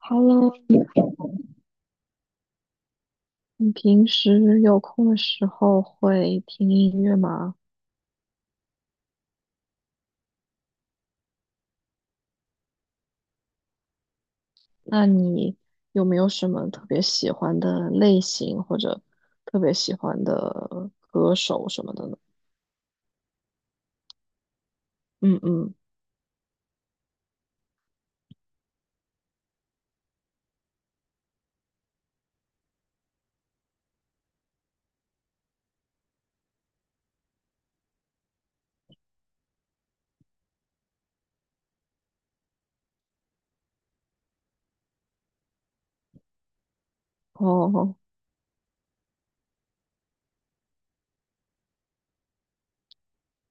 Hello，你平时有空的时候会听音乐吗？那你有没有什么特别喜欢的类型或者特别喜欢的歌手什么的呢？嗯嗯，哦，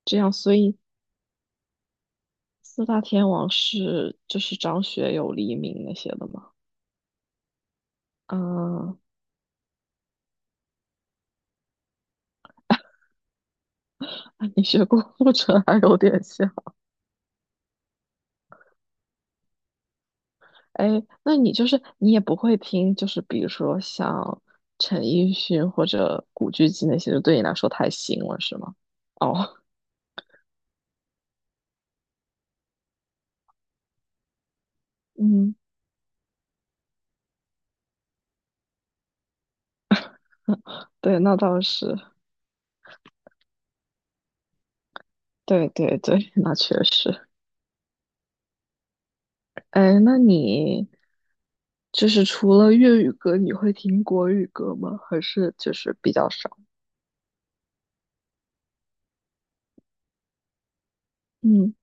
这样，所以四大天王是就是张学友、黎明那些的吗？嗯，那你学过 《复仇还有点像。哎，那你就是你也不会听，就是比如说像陈奕迅或者古巨基那些，就对你来说太新了，是吗？哦，嗯，对，那倒是，对对对，那确实。哎，那你就是除了粤语歌，你会听国语歌吗？还是就是比较少？嗯，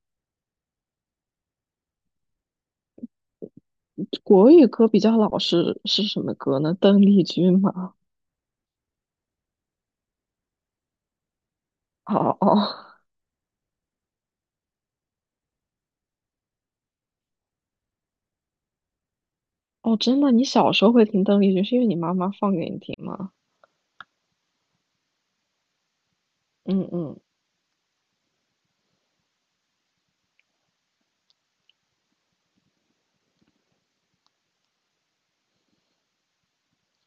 国语歌比较老是什么歌呢？邓丽君吗？哦哦哦，真的，你小时候会听邓丽君，是因为你妈妈放给你听吗？嗯嗯。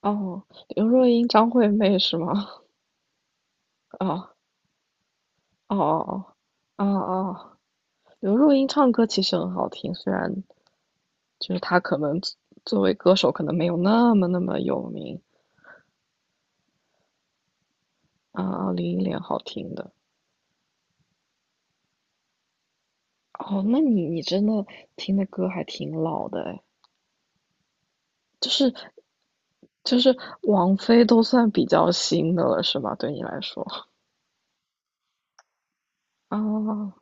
哦，刘若英、张惠妹是吗？哦哦哦哦哦哦，刘若英唱歌其实很好听，虽然就是她可能作为歌手可能没有那么那么有名啊，二零忆莲好听的。哦，那你真的听的歌还挺老的哎，就是就是王菲都算比较新的了是吗？对你来说啊，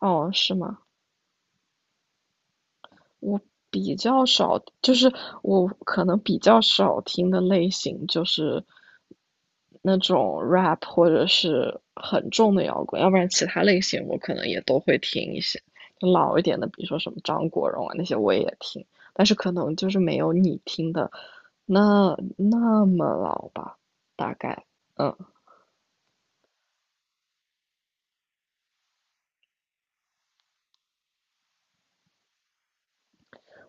哦是吗？我比较少，就是我可能比较少听的类型就是那种 rap 或者是很重的摇滚，要不然其他类型我可能也都会听一些，就老一点的，比如说什么张国荣啊那些我也听，但是可能就是没有你听的那么老吧，大概，嗯。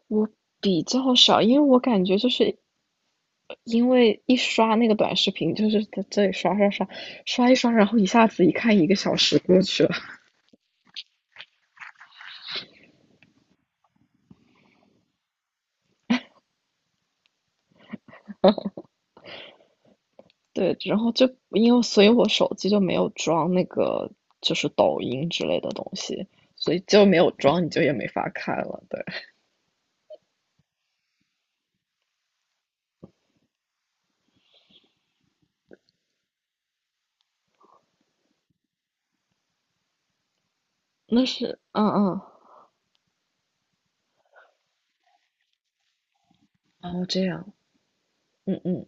我比较少，因为我感觉就是因为一刷那个短视频，就是在这里刷刷刷刷一刷，然后一下子一看一个小时过去了。对，然后就因为所以我手机就没有装那个就是抖音之类的东西，所以就没有装，你就也没法看了。对，那是嗯嗯，哦这样，嗯嗯。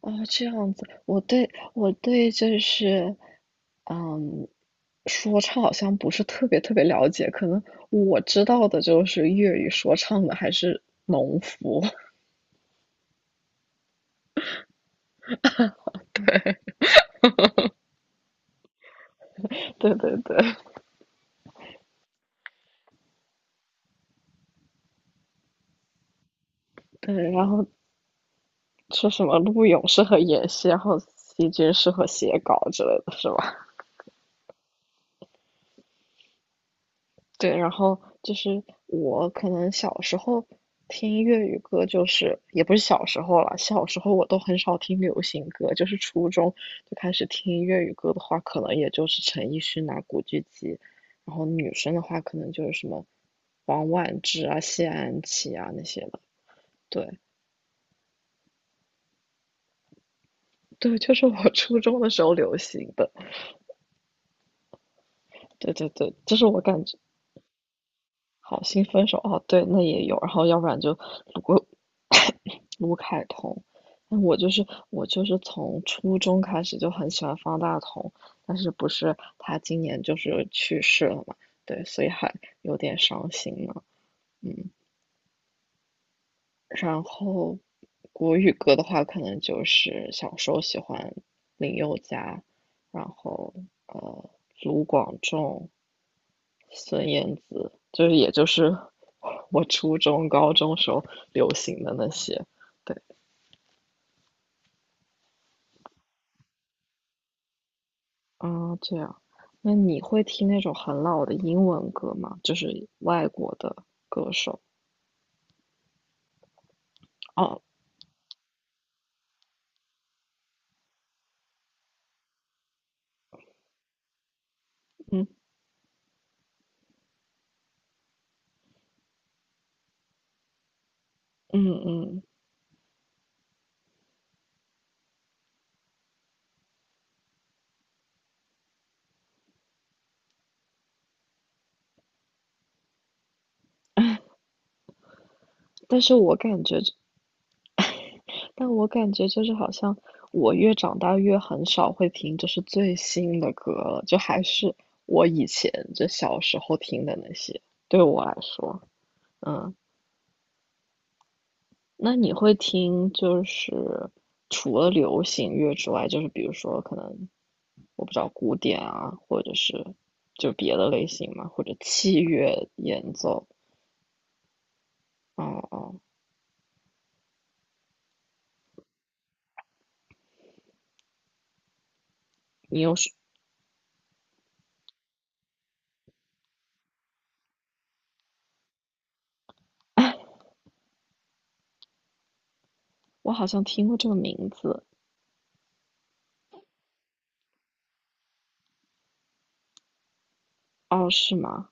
哦，这样子，我对就是，嗯，说唱好像不是特别特别了解，可能我知道的就是粤语说唱的还是农夫，对对对 对，然后说什么陆勇适合演戏，然后席军适合写稿之类的，是吧？对，然后就是我可能小时候听粤语歌，就是也不是小时候了，小时候我都很少听流行歌，就是初中就开始听粤语歌的话，可能也就是陈奕迅啊、古巨基，然后女生的话可能就是什么王菀之啊、谢安琪啊那些的。对对，就是我初中的时候流行的。对对对，这是我感觉。好心分手哦，对，那也有，然后要不然就卢 卢凯彤 那我就是从初中开始就很喜欢方大同，但是不是他今年就是去世了嘛，对，所以还有点伤心呢，嗯，然后国语歌的话，可能就是小时候喜欢林宥嘉，然后呃卢广仲，孙燕姿，就是也就是 我初中、高中时候流行的那些。对，啊，这样。那你会听那种很老的英文歌吗？就是外国的歌手。哦，嗯嗯嗯。但是我感觉，但我感觉就是好像我越长大越很少会听就是最新的歌了，就还是我以前就小时候听的那些，对我来说，嗯。那你会听就是除了流行乐之外，就是比如说可能我不知道古典啊，或者是就别的类型嘛，或者器乐演奏。哦哦，你有是，我好像听过这个名字。哦，是吗？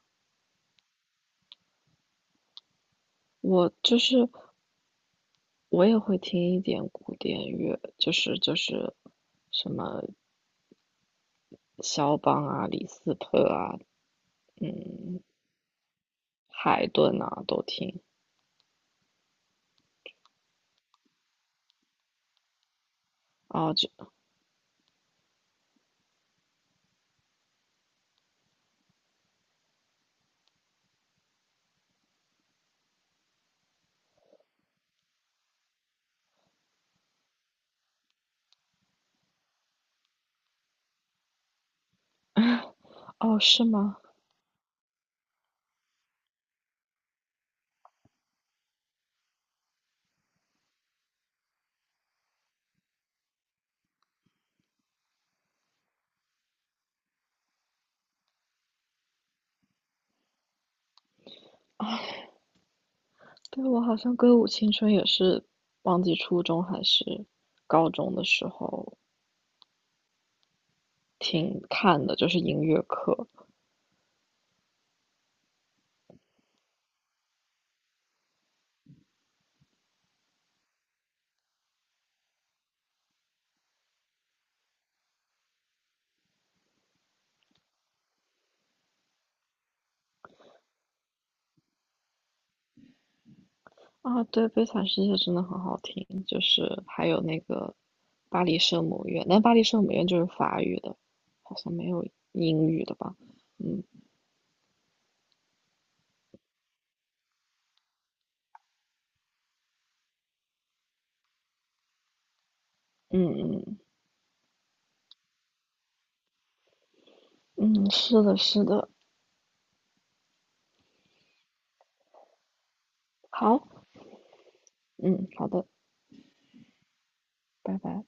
我就是我也会听一点古典乐，就是什么肖邦啊、李斯特啊、海顿啊都听。哦，就哦是吗？对，我好像歌舞青春也是忘记初中还是高中的时候听看的，就是音乐课啊。对，《悲惨世界》真的很好听，就是还有那个《巴黎圣母院》，但《巴黎圣母院》就是法语的，好像没有英语的吧？嗯嗯嗯嗯，是的，是的，好，嗯，好的，拜拜。